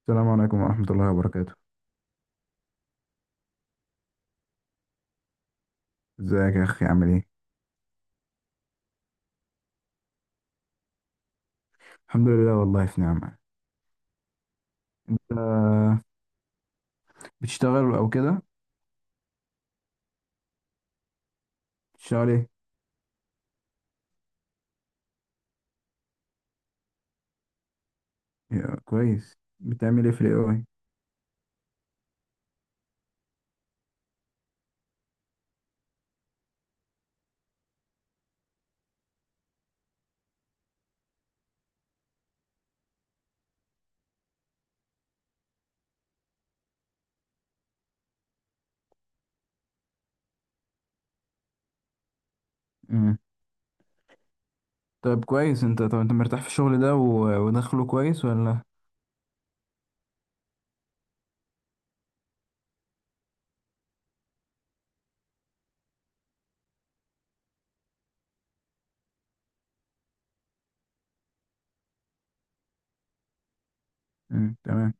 السلام عليكم ورحمة الله وبركاته. ازيك يا اخي، عامل ايه؟ الحمد لله، والله في نعمة. آه، بتشتغل او كده؟ بتشتغل ايه؟ يا كويس، بتعمل ايه في الاي اي؟ مم. طيب كويس. انت طب انت مرتاح في الشغل ده ودخله كويس ولا؟ مم. تمام.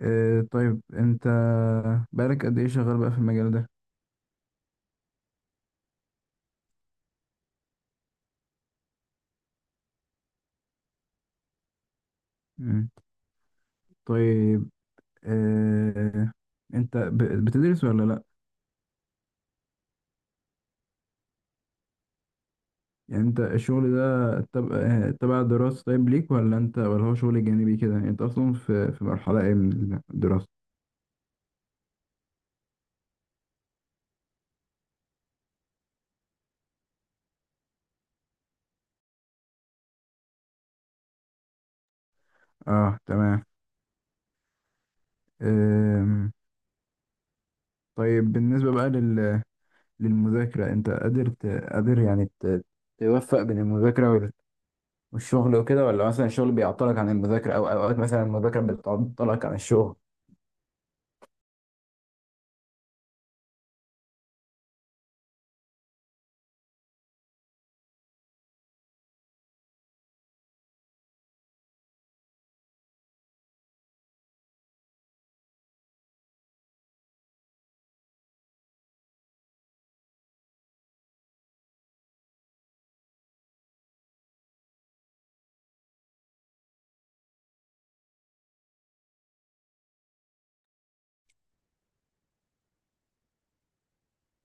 آه طيب انت بقالك قد ايه شغال بقى في المجال ده؟ مم. طيب، آه، انت بتدرس ولا لا؟ يعني انت الشغل ده تبع الدراسة طيب ليك، ولا انت ولا هو شغل جانبي كده؟ انت اصلا في مرحلة ايه من الدراسة؟ اه تمام. أم. طيب بالنسبة بقى لل... للمذاكرة، انت قادر ت... قادر يعني ت... توفق بين المذاكرة وال... والشغل وكده، ولا مثلا الشغل بيعطلك عن المذاكرة، او اوقات مثلا المذاكرة بتعطلك عن الشغل؟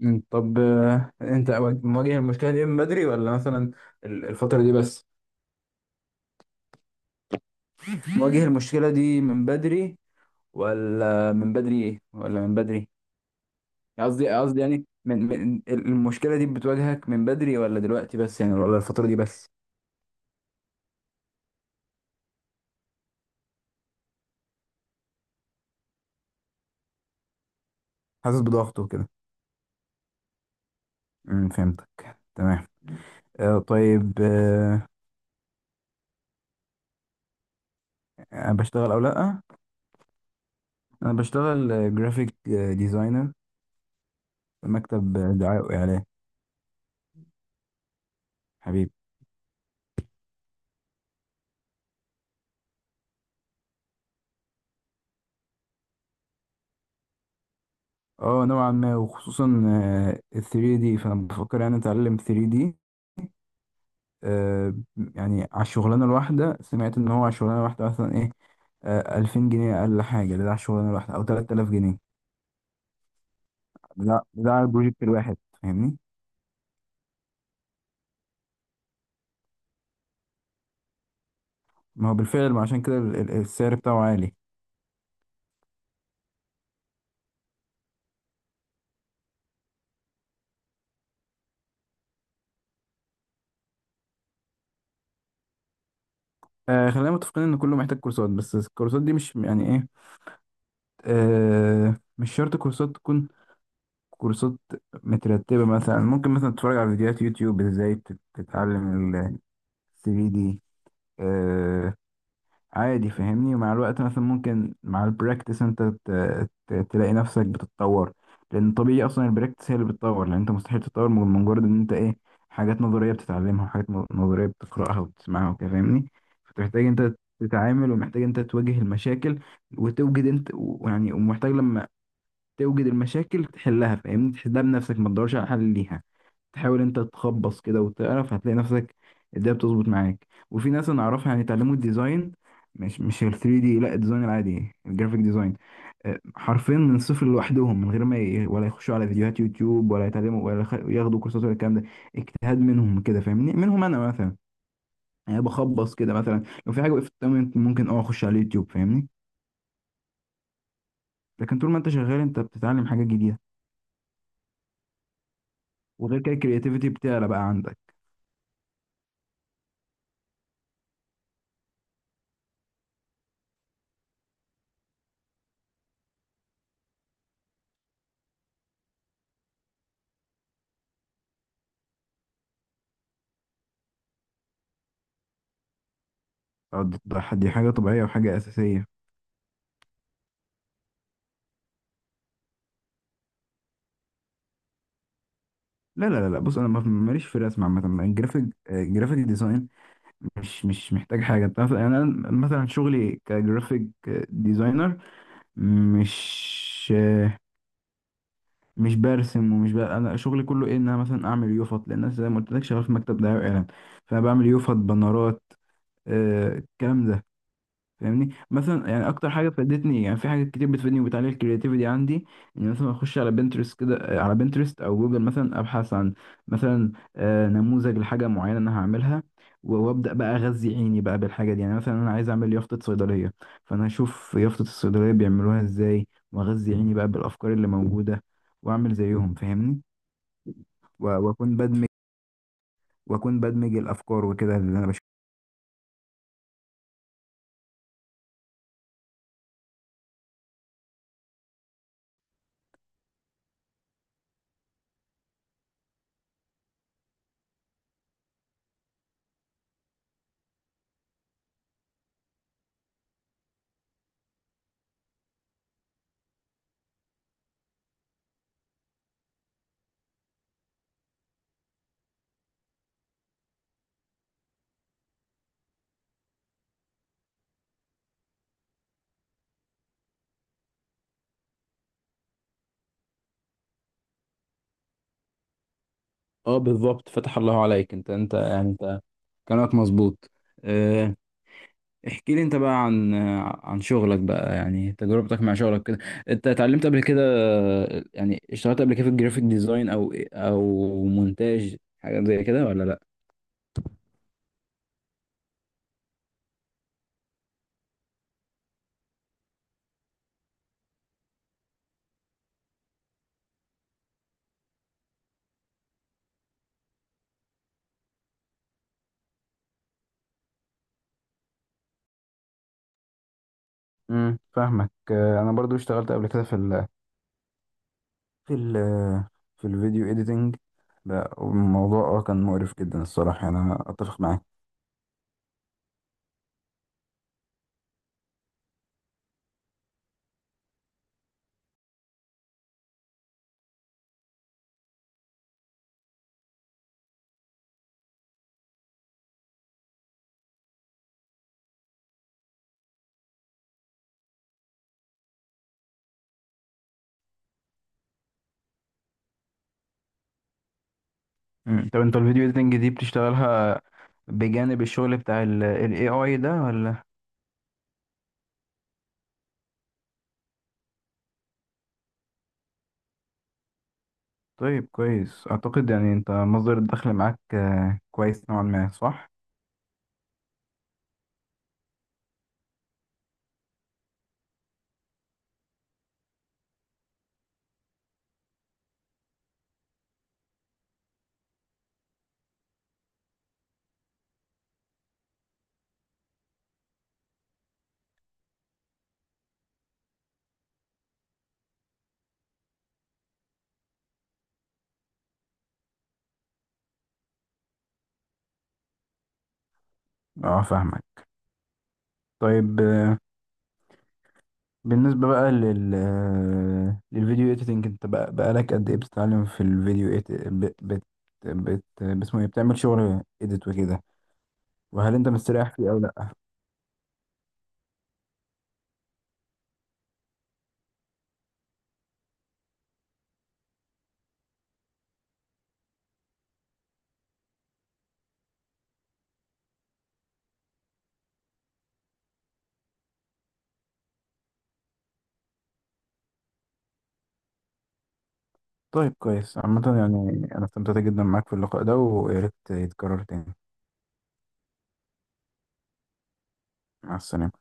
مم، طب آه، انت أو- مواجه المشكلة دي من بدري، ولا مثلا الفترة دي بس؟ مواجه المشكلة دي من بدري، ولا من بدري ايه، ولا من بدري، قصدي قصدي، يعني من المشكلة دي بتواجهك من بدري، ولا دلوقتي بس يعني، ولا الفترة دي بس؟ حاسس بضغط وكده. امم، فهمتك تمام. آه طيب آه، انا بشتغل او لا. انا بشتغل جرافيك ديزاينر في مكتب، آه، دعاية واعلان. حبيبي. اه نوعا ما، وخصوصا آه، ال 3 دي، فانا بفكر يعني اتعلم 3 دي. آه، يعني على الشغلانة الواحدة، سمعت إن هو على الشغلانة الواحدة مثلا إيه، آه، ألفين جنيه أقل حاجة، ده على الشغلانة الواحدة، أو تلات آلاف جنيه. ده على البروجكت الواحد، فاهمني؟ ما هو بالفعل، ما عشان كده السعر بتاعه عالي. آه، خلينا متفقين إن كله محتاج كورسات، بس الكورسات دي مش يعني إيه، آه، مش شرط كورسات تكون كورسات مترتبة. مثلا ممكن مثلا تتفرج على فيديوهات يوتيوب إزاي تتعلم ال 3D عادي، فاهمني. ومع الوقت مثلا، ممكن مع البراكتس انت تلاقي نفسك بتتطور، لان طبيعي اصلا البراكتس هي اللي بتطور، لان انت مستحيل تتطور من مجرد ان انت ايه، حاجات نظريه بتتعلمها، وحاجات نظريه بتقراها وبتسمعها وكده، فاهمني. فمحتاج انت تتعامل، ومحتاج انت تواجه المشاكل، وتوجد انت ويعني، ومحتاج لما توجد المشاكل تحلها، فاهمني، تحلها بنفسك، ما تدورش على حل ليها. تحاول انت تخبص كده وتعرف، هتلاقي نفسك الدنيا بتظبط معاك. وفي ناس انا اعرفها يعني اتعلموا الديزاين، مش ال 3 دي، لا الديزاين العادي، الجرافيك ديزاين، آه، حرفيا من الصفر لوحدهم، من غير ما ي... ولا يخشوا على فيديوهات يوتيوب، ولا يتعلموا، ولا يخ... ياخدوا كورسات ولا الكلام ده. اجتهاد منهم كده، فاهمني، منهم انا مثلا، يعني بخبص كده. مثلا لو في حاجه وقفت قدامي، ممكن اه اخش على اليوتيوب، فاهمني. لكن طول ما انت شغال انت بتتعلم حاجات جديده. وغير كده، الكرياتيفيتي بتعلى بقى عندك. آه، دي حاجه طبيعيه وحاجه اساسيه. لا لا لا لا، بص انا ماليش في الرسم عامه. الجرافيك، آه، الجرافيك ديزاين، مش محتاج حاجه، انت عارف يعني. انا مثلا شغلي كجرافيك، آه، ديزاينر، مش آه، مش برسم ومش ب... انا شغلي كله ايه، ان انا مثلا اعمل يوفط، لان انا زي ما قلت لك شغال في مكتب دعايه واعلان. فانا بعمل يوفط بنرات، آه، الكلام ده، فاهمني. مثلا يعني اكتر حاجه فادتني، يعني في حاجات كتير بتفيدني وبتعلي الكرياتيفيتي عندي، ان مثلا اخش على بنترست كده، آه، على بنترست او جوجل، مثلا ابحث عن مثلا آه، نموذج لحاجه معينه انا هعملها، وابدا بقى اغذي عيني بقى بالحاجه دي. يعني مثلا انا عايز اعمل يافطه صيدليه، فانا اشوف يافطه الصيدليه بيعملوها ازاي، واغذي عيني بقى بالافكار اللي موجوده، واعمل زيهم، فاهمني. و- واكون بدمج واكون بدمج الافكار وكده اللي انا بشوفها. اه بالظبط، فتح الله عليك. انت انت كلامك مظبوط. احكي لي انت بقى عن عن شغلك بقى، يعني تجربتك مع شغلك كده. انت اتعلمت قبل كده، يعني اشتغلت قبل كده في الجرافيك ديزاين، او او مونتاج، حاجة زي كده ولا لا؟ امم، فاهمك. آه، انا برضو اشتغلت قبل كده في ال في الفيديو اديتنج. لا الموضوع اه كان مقرف جدا الصراحه، يعني انا اتفق معاك. مم. طب انت الفيديو اديتنج دي بتشتغلها بجانب الشغل بتاع ال AI ده ولا؟ طيب كويس، أعتقد يعني أنت مصدر الدخل معاك آه، كويس نوعا ما، صح؟ أه فاهمك. طيب آه، بالنسبة بقى لل آه، للفيديو إيديتنج، أنت بقى بقالك قد إيه بتتعلم في الفيديو إيت بت بت بت باسمه إيه؟ بتعمل شغل إيديت وكده، وهل أنت مستريح فيه أو لأ؟ طيب كويس عامة. يعني أنا استمتعت جدا معاك في اللقاء ده، ويا ريت يتكرر تاني. مع السلامة.